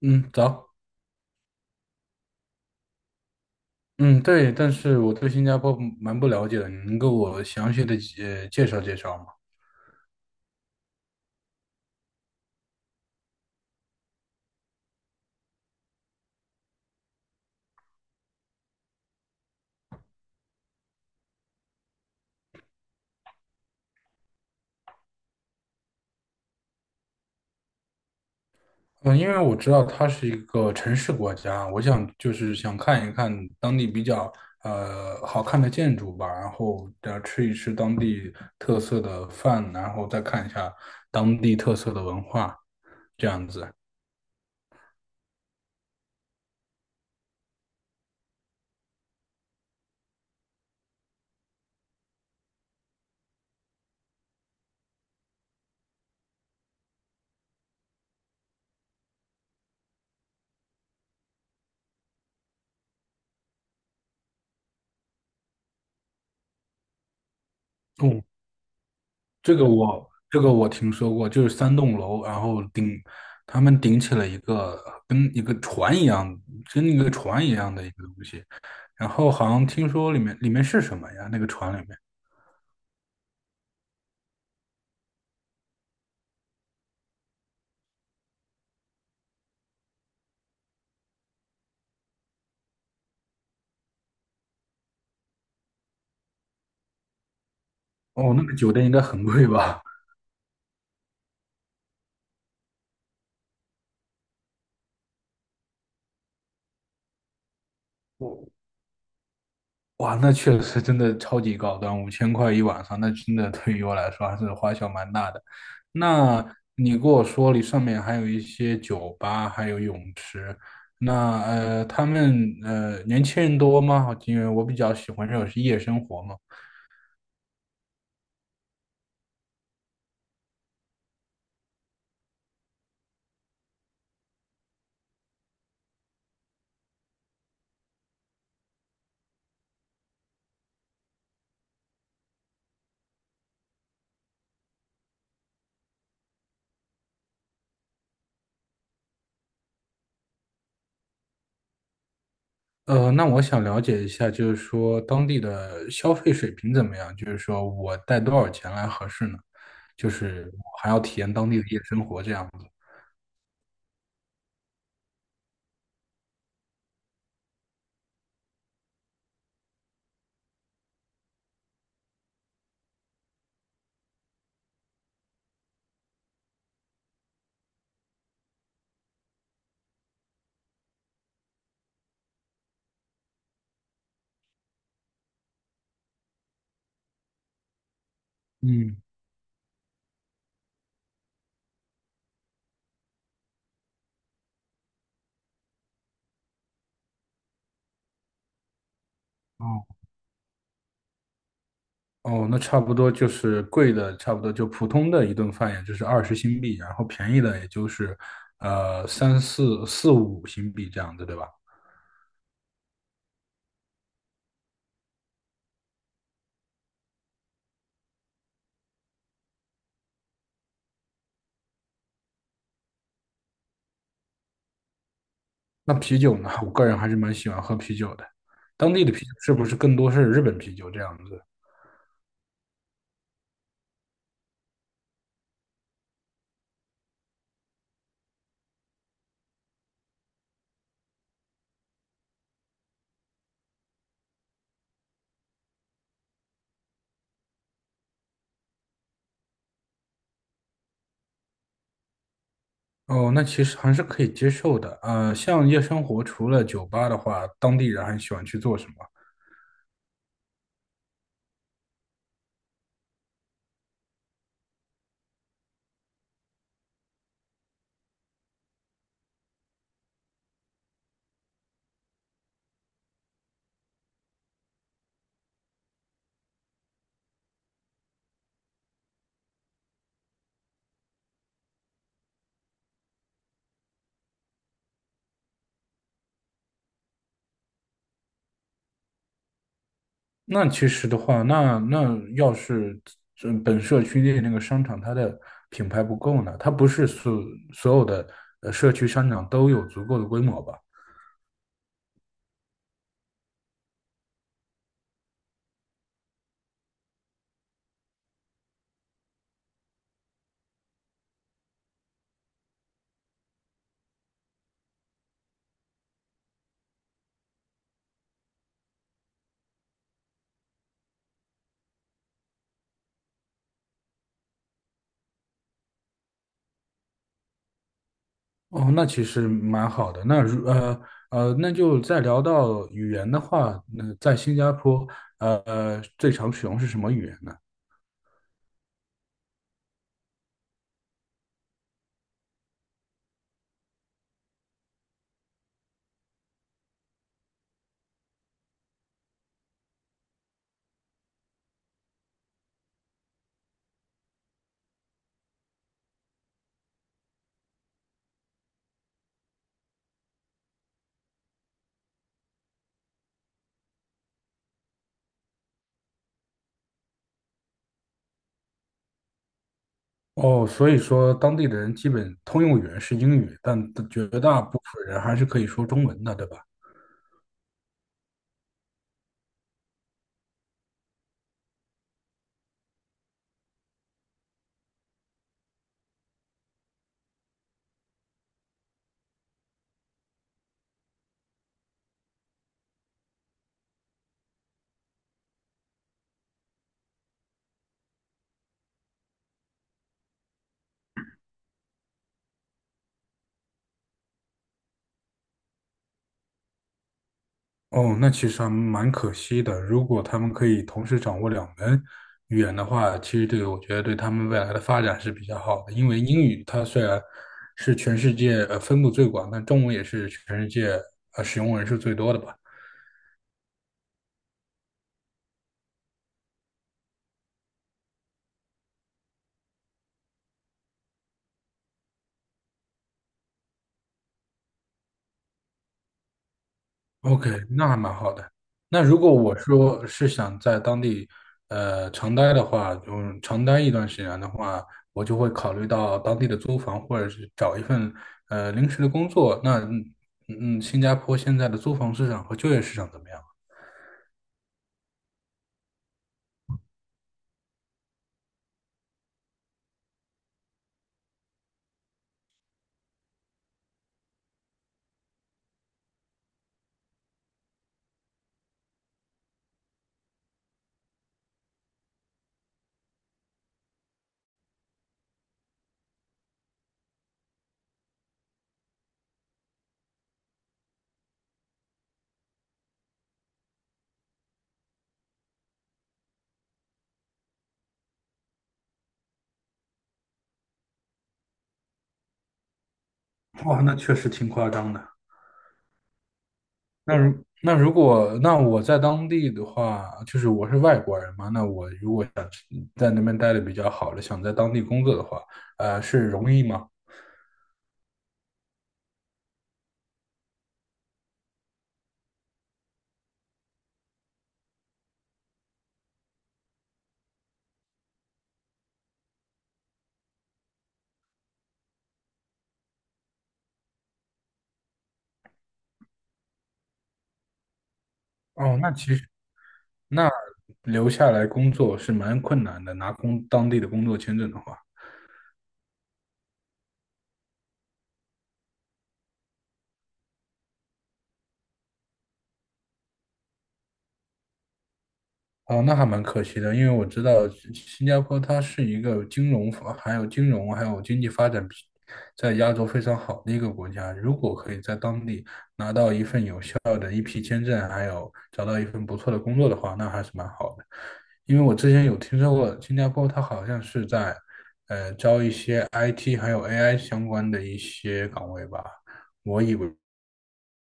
嗯，早。嗯，对，但是我对新加坡蛮不了解的，你能给我详细的介绍介绍吗？嗯，因为我知道它是一个城市国家，我想就是想看一看当地比较好看的建筑吧，然后吃一吃当地特色的饭，然后再看一下当地特色的文化，这样子。这个我听说过，就是三栋楼，然后顶他们顶起了一个跟一个船一样，的一个东西，然后好像听说里面是什么呀？那个船里面，哦，那个酒店应该很贵吧？哇，那确实真的超级高端，五千块一晚上，那真的对于我来说还是花销蛮大的。那你跟我说你上面还有一些酒吧，还有泳池，那他们年轻人多吗？因为我比较喜欢这种是夜生活嘛。呃，那我想了解一下，就是说当地的消费水平怎么样？就是说我带多少钱来合适呢？就是我还要体验当地的夜生活这样子。嗯，哦。哦，那差不多就是贵的，差不多就普通的一顿饭，也就是二十新币，然后便宜的也就是三四五新币这样子，对吧？那啤酒呢，我个人还是蛮喜欢喝啤酒的，当地的啤酒是不是更多是日本啤酒这样子？哦，那其实还是可以接受的。呃，像夜生活除了酒吧的话，当地人还喜欢去做什么？那其实的话，那要是这本社区内那个商场它的品牌不够呢，它不是所有的社区商场都有足够的规模吧？哦，那其实蛮好的。那就再聊到语言的话，那在新加坡最常使用是什么语言呢？哦，所以说当地的人基本通用语言是英语，但绝大部分人还是可以说中文的，对吧？哦，那其实还蛮可惜的。如果他们可以同时掌握两门语言的话，其实我觉得对他们未来的发展是比较好的。因为英语它虽然是全世界分布最广，但中文也是全世界使用人数最多的吧。OK,那还蛮好的。那如果我说是想在当地，呃，长待的话，嗯，长待一段时间的话，我就会考虑到当地的租房，或者是找一份临时的工作。那嗯嗯，新加坡现在的租房市场和就业市场怎么样？哇，那确实挺夸张的。那如果我在当地的话，就是我是外国人嘛，那我如果想在那边待的比较好了，想在当地工作的话，呃，是容易吗？哦，那其实那留下来工作是蛮困难的，当地的工作签证的话，哦，那还蛮可惜的，因为我知道新加坡它是一个金融还有经济发展在亚洲非常好的一个国家。如果可以在当地拿到一份有效的一批签证，还有找到一份不错的工作的话，那还是蛮好的。因为我之前有听说过新加坡，它好像是在招一些 IT 还有 AI 相关的一些岗位吧。我以为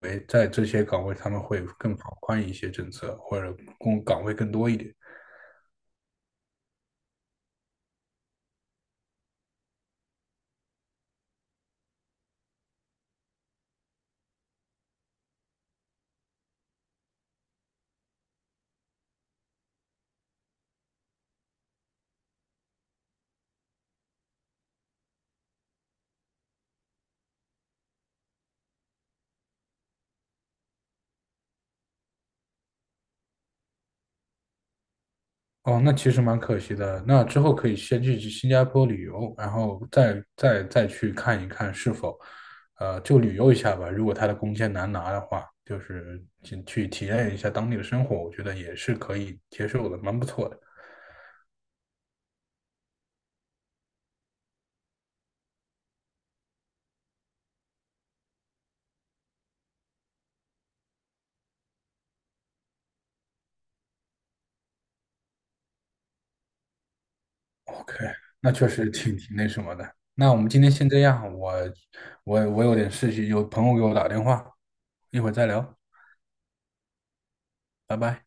为在这些岗位他们会更放宽一些政策，或者工岗位更多一点。哦，那其实蛮可惜的。那之后可以先去新加坡旅游，然后再去看一看是否，呃，就旅游一下吧。如果他的工签难拿的话，就是去体验一下当地的生活，我觉得也是可以接受的，蛮不错的。OK,那确实挺那什么的。那我们今天先这样，我有点事情，有朋友给我打电话，一会儿再聊，拜拜。